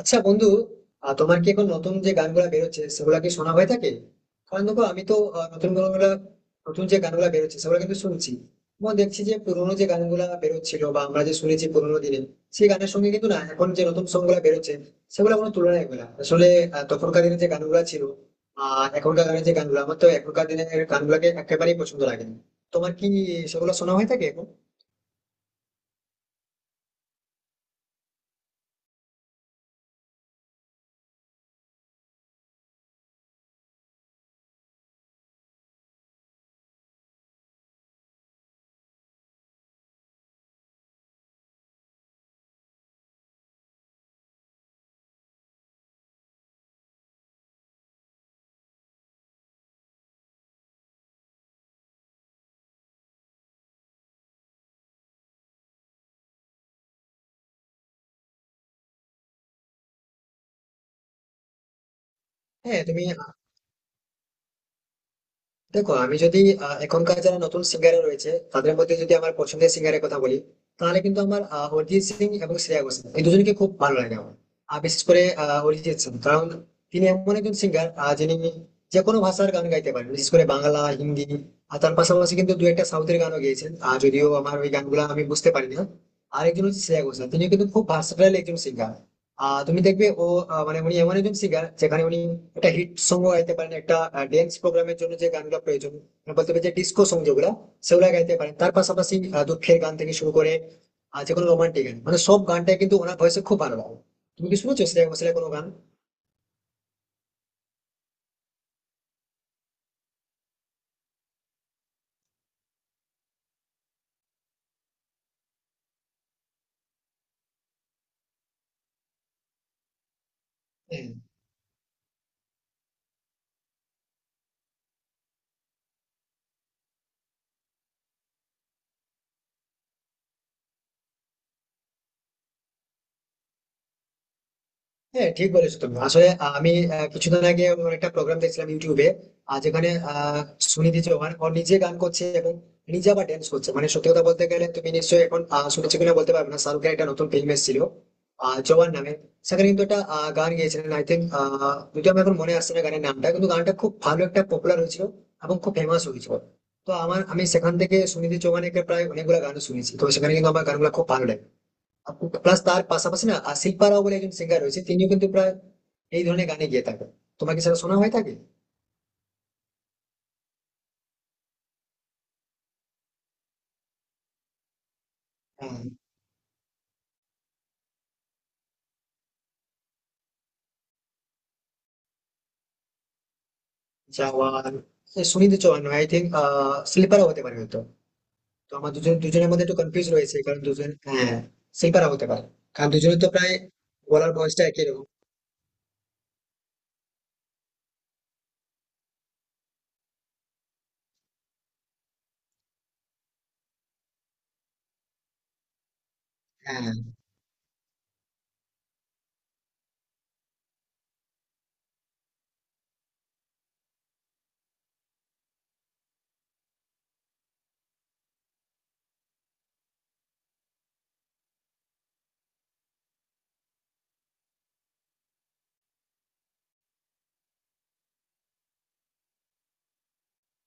আচ্ছা বন্ধু, তোমার কি এখন নতুন যে গানগুলা বেরোচ্ছে সেগুলা কি শোনা হয়ে থাকে? কারণ দেখো, আমি তো নতুন গানগুলা, নতুন যে গানগুলা বেরোচ্ছে সেগুলো কিন্তু শুনছি। এবং দেখছি যে পুরোনো যে গানগুলা বেরোচ্ছিল বা আমরা যে শুনেছি পুরোনো দিনে, সেই গানের সঙ্গে কিন্তু না এখন যে নতুন সং গুলা বেরোচ্ছে সেগুলো কোনো তুলনায় হবে না আসলে। তখনকার দিনে যে গানগুলা ছিল, এখনকার গানের যে গানগুলো, আমার তো এখনকার দিনের গানগুলাকে একেবারেই পছন্দ লাগে না। তোমার কি সেগুলো শোনা হয়ে থাকে এখন? হ্যাঁ, তুমি দেখো, আমি যদি এখনকার যারা নতুন সিঙ্গার রয়েছে তাদের মধ্যে যদি আমার পছন্দের সিঙ্গারের কথা বলি, তাহলে কিন্তু আমার অরিজিৎ সিং এবং শ্রেয়া ঘোষাল এই দুজনকে খুব ভালো লাগে আমার। আর বিশেষ করে অরিজিৎ সিং, কারণ তিনি এমন একজন সিঙ্গার যিনি যে কোনো ভাষার গান গাইতে পারেন, বিশেষ করে বাংলা হিন্দি। আর তার পাশাপাশি কিন্তু দু একটা সাউথের গানও গেয়েছেন, আর যদিও আমার ওই গানগুলো আমি বুঝতে পারি না। আরেকজন হচ্ছে শ্রেয়া ঘোষাল, তিনি কিন্তু খুব ভার্সেটাইল একজন সিঙ্গার। তুমি দেখবে ও, মানে উনি এমন একজন সিঙ্গার যেখানে উনি একটা হিট সং গাইতে পারেন, একটা ড্যান্স প্রোগ্রামের জন্য যে গানগুলো প্রয়োজন, মানে বলতে পারি যে ডিস্কো সং যেগুলো, সেগুলো গাইতে পারেন। তার পাশাপাশি দুঃখের গান থেকে শুরু করে যে কোনো রোমান্টিক গান, মানে সব গানটাই কিন্তু ওনার ভয়েসে খুব ভালো লাগে। তুমি কি শুনেছো সেরকম সেরকম কোনো গান? হ্যাঁ, হ্যাঁ, ঠিক বলেছো তুমি। আসলে আমি কিছুদিন আগে ওর একটা প্রোগ্রাম দেখছিলাম ইউটিউবে, আর যেখানে সুনিধি চৌহান ও নিজে গান করছে এবং নিজে আবার dance করছে। মানে সত্যি কথা বলতে গেলে, তুমি নিশ্চয়ই এখন শুনেছো কিনা বলতে পারবে না, শাহরুখের একটা নতুন ফিল্ম এসেছিল জওয়ান নামে। সেখানে কিন্তু একটা গান গেয়েছিলেন আই থিঙ্ক, যদিও আমার এখন মনে আসছে না গানের নামটা, কিন্তু গানটা খুব ভালো একটা পপুলার হয়েছিল এবং খুব ফেমাস হয়েছিল। তো আমি সেখান থেকে সুনিধি চৌহানের প্রায় অনেকগুলো গান শুনেছি, তো সেখানে কিন্তু আমার গানগুলো খুব ভালো লাগে। প্লাস তার পাশাপাশি না, আশিক শিল্পা রাও বলে একজন সিঙ্গার রয়েছে, তিনিও কিন্তু প্রায় এই ধরনের গানে গিয়ে থাকেন। তোমাকে সেটা শোনা হয়ে থাকে? হ্যাঁ, জওয়ান এ সুনিধি চৌহান আই থিঙ্ক, শিল্পারা হতে পারে হয়তো। তো আমার দুজন দুজনের মধ্যে একটু কনফিউজ রয়েছে, কারণ দুজন, হ্যাঁ, শিল্পারা হতে পারে, কারণ দুজনের তো প্রায় বলার ভয়েসটা একই রকম। হ্যাঁ,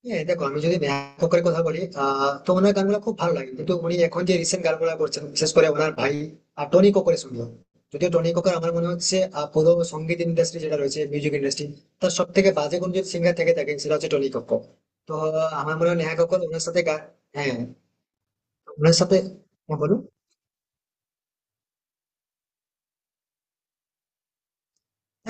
হ্যাঁ, দেখো আমি যদি ব্যাপক করে কথা বলি, তো ওনার গানগুলো খুব ভালো লাগে, কিন্তু উনি এখন যে রিসেন্ট গানগুলো করছেন বিশেষ করে ওনার ভাই টনি কক্করের সঙ্গে। যদিও টনি কক্কর, আমার মনে হচ্ছে পুরো সঙ্গীত ইন্ডাস্ট্রি যেটা রয়েছে মিউজিক ইন্ডাস্ট্রি, তার সব থেকে বাজে কোন যদি সিঙ্গার থেকে থাকেন সেটা হচ্ছে টনি কক্কর। তো আমার মনে হয় নেহা কক্কর ওনার সাথে হ্যাঁ, ওনার সাথে। হ্যাঁ, বলুন।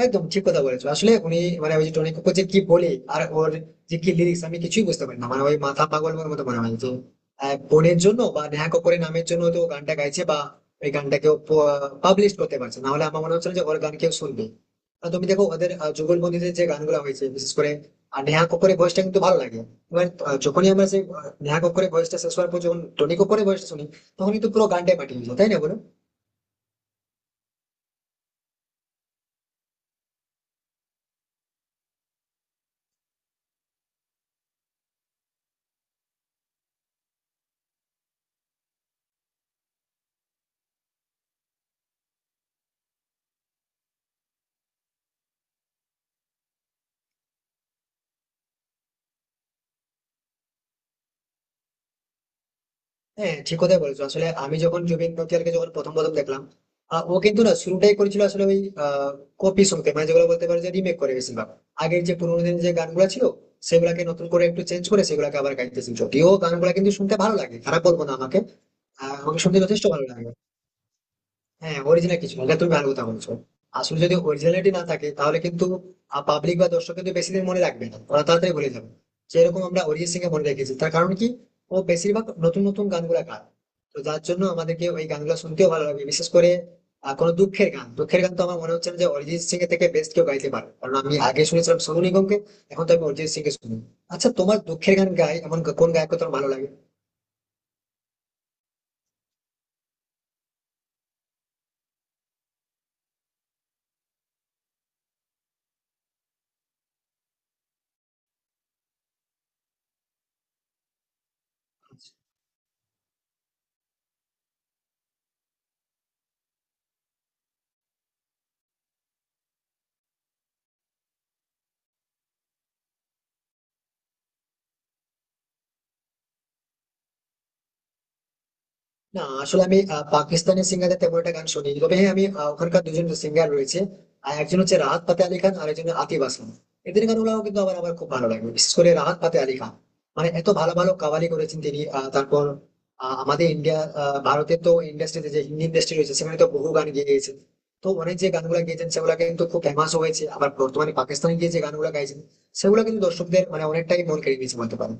একদম ঠিক কথা বলেছো। আসলে উনি মানে ওই যে টনি কক্কর যে কি বলে আর ওর যে কি লিরিক্স, আমি কিছুই বুঝতে পারি না। মানে ওই মাথা পাগল ওর মতো মনে হয় যে বোনের জন্য বা নেহা কক্করের নামের জন্য তো ও গানটা গাইছে, বা ওই গানটাকেও পাবলিশ করতে পারছে, না হলে আমার মনে হচ্ছে না যে ওর গান কেউ শুনবে। আর তুমি দেখো ওদের যুগলবন্দিতে যে গানগুলো হয়েছে বিশেষ করে, আর নেহা কক্করের ভয়েসটা কিন্তু ভালো লাগে। এবার যখনই আমরা সেই নেহা কক্করের ভয়েসটা শেষ হওয়ার পর যখন টনি কক্করের ভয়েসটা শুনি, তখনই তো পুরো গানটাই মাটি হয়ে যায়, তাই না বলো? হ্যাঁ, ঠিক কথাই বলেছো। আসলে আমি যখন জুবিন নটিয়ালকে যখন প্রথম প্রথম দেখলাম, ও কিন্তু না শুরুটাই করেছিল আসলে ওই কপি সঙ্গে, মানে যেগুলো বলতে পারে যে রিমেক করে। বেশিরভাগ আগের যে পুরোনো দিনের যে গানগুলো ছিল সেগুলাকে নতুন করে একটু চেঞ্জ করে সেগুলাকে আবার গাইতেছে। যদিও গানগুলো কিন্তু শুনতে ভালো লাগে, খারাপ বলবো না, আমাকে আমাকে শুনতে যথেষ্ট ভালো লাগে। হ্যাঁ, অরিজিনাল কিছু না, এটা তুমি ভালো কথা বলছো। আসলে যদি অরিজিনালিটি না থাকে তাহলে কিন্তু পাবলিক বা দর্শক কিন্তু বেশি দিন মনে রাখবে না, ওরা তাড়াতাড়ি বলে যাবে। যেরকম আমরা অরিজিৎ সিং কে মনে রেখেছি, তার কারণ কি? ও বেশিরভাগ নতুন নতুন গানগুলা গায়, তো যার জন্য আমাদেরকে ওই গানগুলো শুনতেও ভালো লাগে। বিশেষ করে কোনো দুঃখের গান, দুঃখের গান তো আমার মনে হচ্ছে না যে অরিজিৎ সিং এর থেকে বেস্ট কেউ গাইতে পারে। কারণ আমি আগে শুনেছিলাম সোনু নিগমকে, এখন তো আমি অরিজিৎ সিং কে শুনি। আচ্ছা, তোমার দুঃখের গান গায় এমন কোন গায়ক তোমার ভালো লাগে? না, আসলে আমি পাকিস্তানি সিঙ্গারদের তেমন একটা গান শুনি, তবে হ্যাঁ, আমি ওখানকার দুজন সিঙ্গার রয়েছে, আর একজন হচ্ছে রাহাত ফাতে আলী খান আর একজন আতিফ আসলাম। এদের গানগুলো কিন্তু আমার আমার খুব ভালো লাগে, বিশেষ করে রাহাত ফাতে আলী খান। মানে এত ভালো ভালো কাওয়ালি করেছেন তিনি। তারপর আমাদের ইন্ডিয়া, ভারতের তো ইন্ডাস্ট্রিতে যে হিন্দি ইন্ডাস্ট্রি রয়েছে সেখানে তো বহু গান গেয়ে গেছেন। তো অনেক যে গানগুলো গেয়েছেন সেগুলো কিন্তু খুব ফেমাস হয়েছে। আবার বর্তমানে পাকিস্তানে গিয়ে যে গানগুলো গাইছেন, সেগুলো কিন্তু দর্শকদের মানে অনেকটাই মন কেড়ে নিয়েছে বলতে পারেন।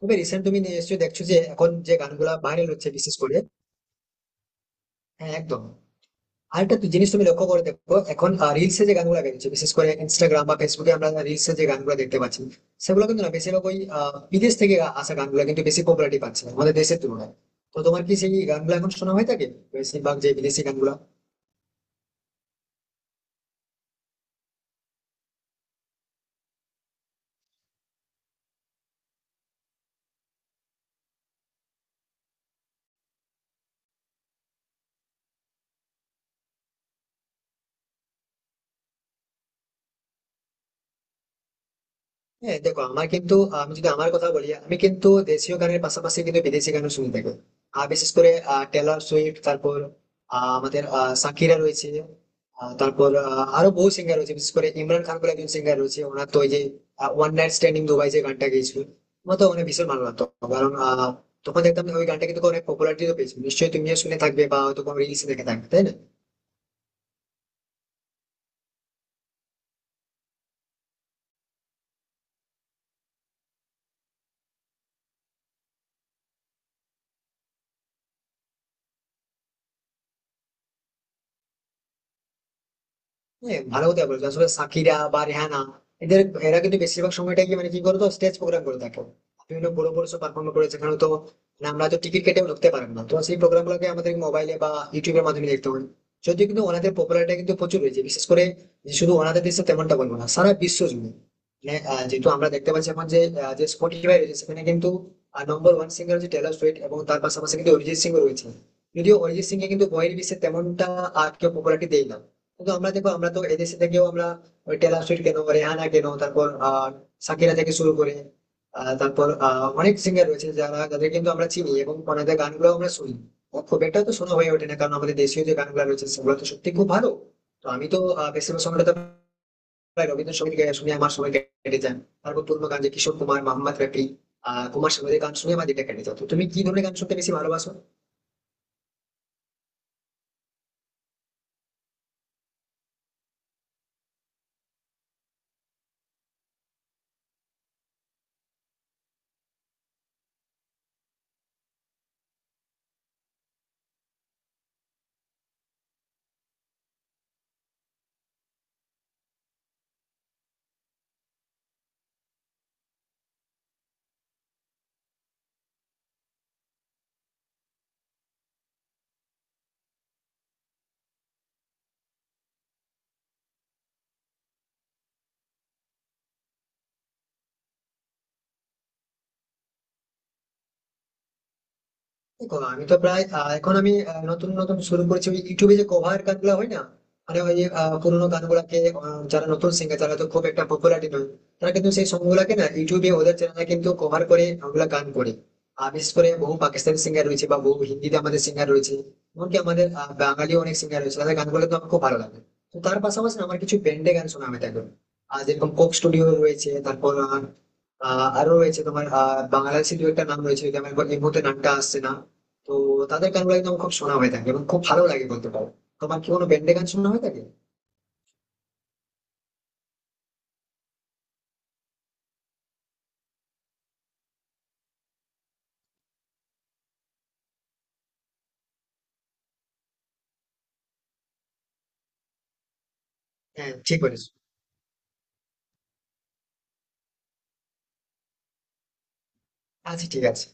তবে রিসেন্ট তুমি নিশ্চয়ই দেখছো যে এখন যে গানগুলা ভাইরাল হচ্ছে বিশেষ করে, হ্যাঁ একদম। আর একটা তুই জিনিস তুমি লক্ষ্য করে দেখো এখন, রিলসে যে গানগুলো বেরোচ্ছে বিশেষ করে ইনস্টাগ্রাম বা ফেসবুকে আমরা রিলসে যে গানগুলো দেখতে পাচ্ছি, সেগুলো কিন্তু না বেশিরভাগ ওই বিদেশ থেকে আসা গানগুলো কিন্তু বেশি পপুলারিটি পাচ্ছে আমাদের দেশের তুলনায়। তো তোমার কি সেই গানগুলো এখন শোনা হয়ে থাকে, বেশিরভাগ যে বিদেশি গানগুলো? হ্যাঁ, দেখো আমার কিন্তু, আমি যদি আমার কথা বলি, আমি কিন্তু দেশীয় গানের পাশাপাশি কিন্তু বিদেশি গানও শুনতে থাকি। আর বিশেষ করে টেলর সুইফট, তারপর শাকিরা রয়েছে, আহ, তারপর আহ, আরো বহু সিঙ্গার রয়েছে। বিশেষ করে ইমরান খান বলে একজন সিঙ্গার রয়েছে, ওনার তো ওই যে ওয়ান নাইট স্ট্যান্ডিং দুবাই যে গানটা গেয়েছিল, আমার তো অনেক ভীষণ ভালো লাগতো। কারণ তখন দেখতাম যে ওই গানটা কিন্তু অনেক পপুলারিটিও পেয়েছিল, নিশ্চয়ই তুমিও শুনে থাকবে বা হয়তো কোনো রিলসে দেখে থাকবে, তাই না? হ্যাঁ, ভালো কথা বলছো। আসলে সাকিরা বা রেহানা, এদের, এরা কিন্তু বেশিরভাগ সময়টা কি মানে কি বলতো, স্টেজ প্রোগ্রাম করে থাকে, বিভিন্ন বড় বড় সব পারফর্ম করে, যেখানে তো মানে আমরা তো টিকিট কেটেও ঢুকতে পারবো না। তো সেই প্রোগ্রাম গুলোকে আমাদের মোবাইলে বা ইউটিউবের মাধ্যমে দেখতে হবে। যদিও কিন্তু ওনাদের পপুলারিটি কিন্তু প্রচুর হয়েছে, বিশেষ করে যে শুধু ওনাদের দেশে তেমনটা বলবো না, সারা বিশ্ব জুড়ে। মানে যেহেতু আমরা দেখতে পাচ্ছি এখন যে যে স্পটিফাই রয়েছে সেখানে কিন্তু নম্বর ওয়ান সিঙ্গার হচ্ছে টেলর সুইফট, এবং তার পাশাপাশি কিন্তু অরিজিৎ সিং রয়েছে। যদিও অরিজিৎ সিং এ কিন্তু বহির্বিশ্বে তেমনটা আর কেউ পপুলারিটি দেয় না। কিন্তু আমরা দেখো, আমরা তো এদেশে থেকেও আমরা ওই টেলর সুইট কেন, রেহানা কেন, তারপর সাকিরা থেকে শুরু করে অনেক সিঙ্গার রয়েছে যারা, যাদের কিন্তু আমরা চিনি এবং ওনাদের গানগুলো আমরা শুনি। ও খুব একটা তো শোনা হয়ে ওঠে না, কারণ আমাদের দেশীয় যে গানগুলো রয়েছে সেগুলো তো সত্যি খুব ভালো। তো আমি তো বেশিরভাগ সময়টা তো প্রায় রবীন্দ্রসঙ্গীত গায়ে শুনে আমার সময় কেটে যায়। তারপর পুরনো গান যে কিশোর কুমার, মোহাম্মদ রফি, কুমার শানুদের গান শুনে আমার দিনটা কেটে যেত। তো তুমি কি ধরনের গান শুনতে বেশি ভালোবাসো? দেখো আমি তো প্রায় আহ, এখন আমি আহ, নতুন নতুন শুরু করেছি ওই ইউটিউবে যে কভার গানগুলো হয় না, মানে ওই পুরোনো গানগুলাকে, যারা নতুন সিঙ্গার যারা তো খুব একটা পপুলারিটি নয়, তারা কিন্তু সেই সংগুলাকে না ইউটিউবে ওদের চ্যানেলে কিন্তু কভার করে ওগুলা গান করে। আর বিশেষ করে বহু পাকিস্তানি সিঙ্গার রয়েছে বা বহু হিন্দিতে আমাদের সিঙ্গার রয়েছে, এমনকি আমাদের বাঙালি অনেক সিঙ্গার রয়েছে, তাদের গানগুলো তো আমার খুব ভালো লাগে। তো তার পাশাপাশি না আমার কিছু ব্যান্ডে গান শোনা আমি থাকবে, আর যেরকম কোক স্টুডিও রয়েছে, তারপর আহ, আহ, আরো রয়েছে তোমার বাংলাদেশের দু একটা নাম রয়েছে, যদি আমার এখন এই মুহূর্তে নামটা আসছে না। তো তাদের গানগুলো একদম খুব শোনা হয়ে থাকে এবং খুব ভালো লাগে বলতে পারো। তোমার কি কোনো ব্যান্ডে গান শোনা হয়ে থাকে? হ্যাঁ, ঠিক বলেছো। আচ্ছা, ঠিক আছে।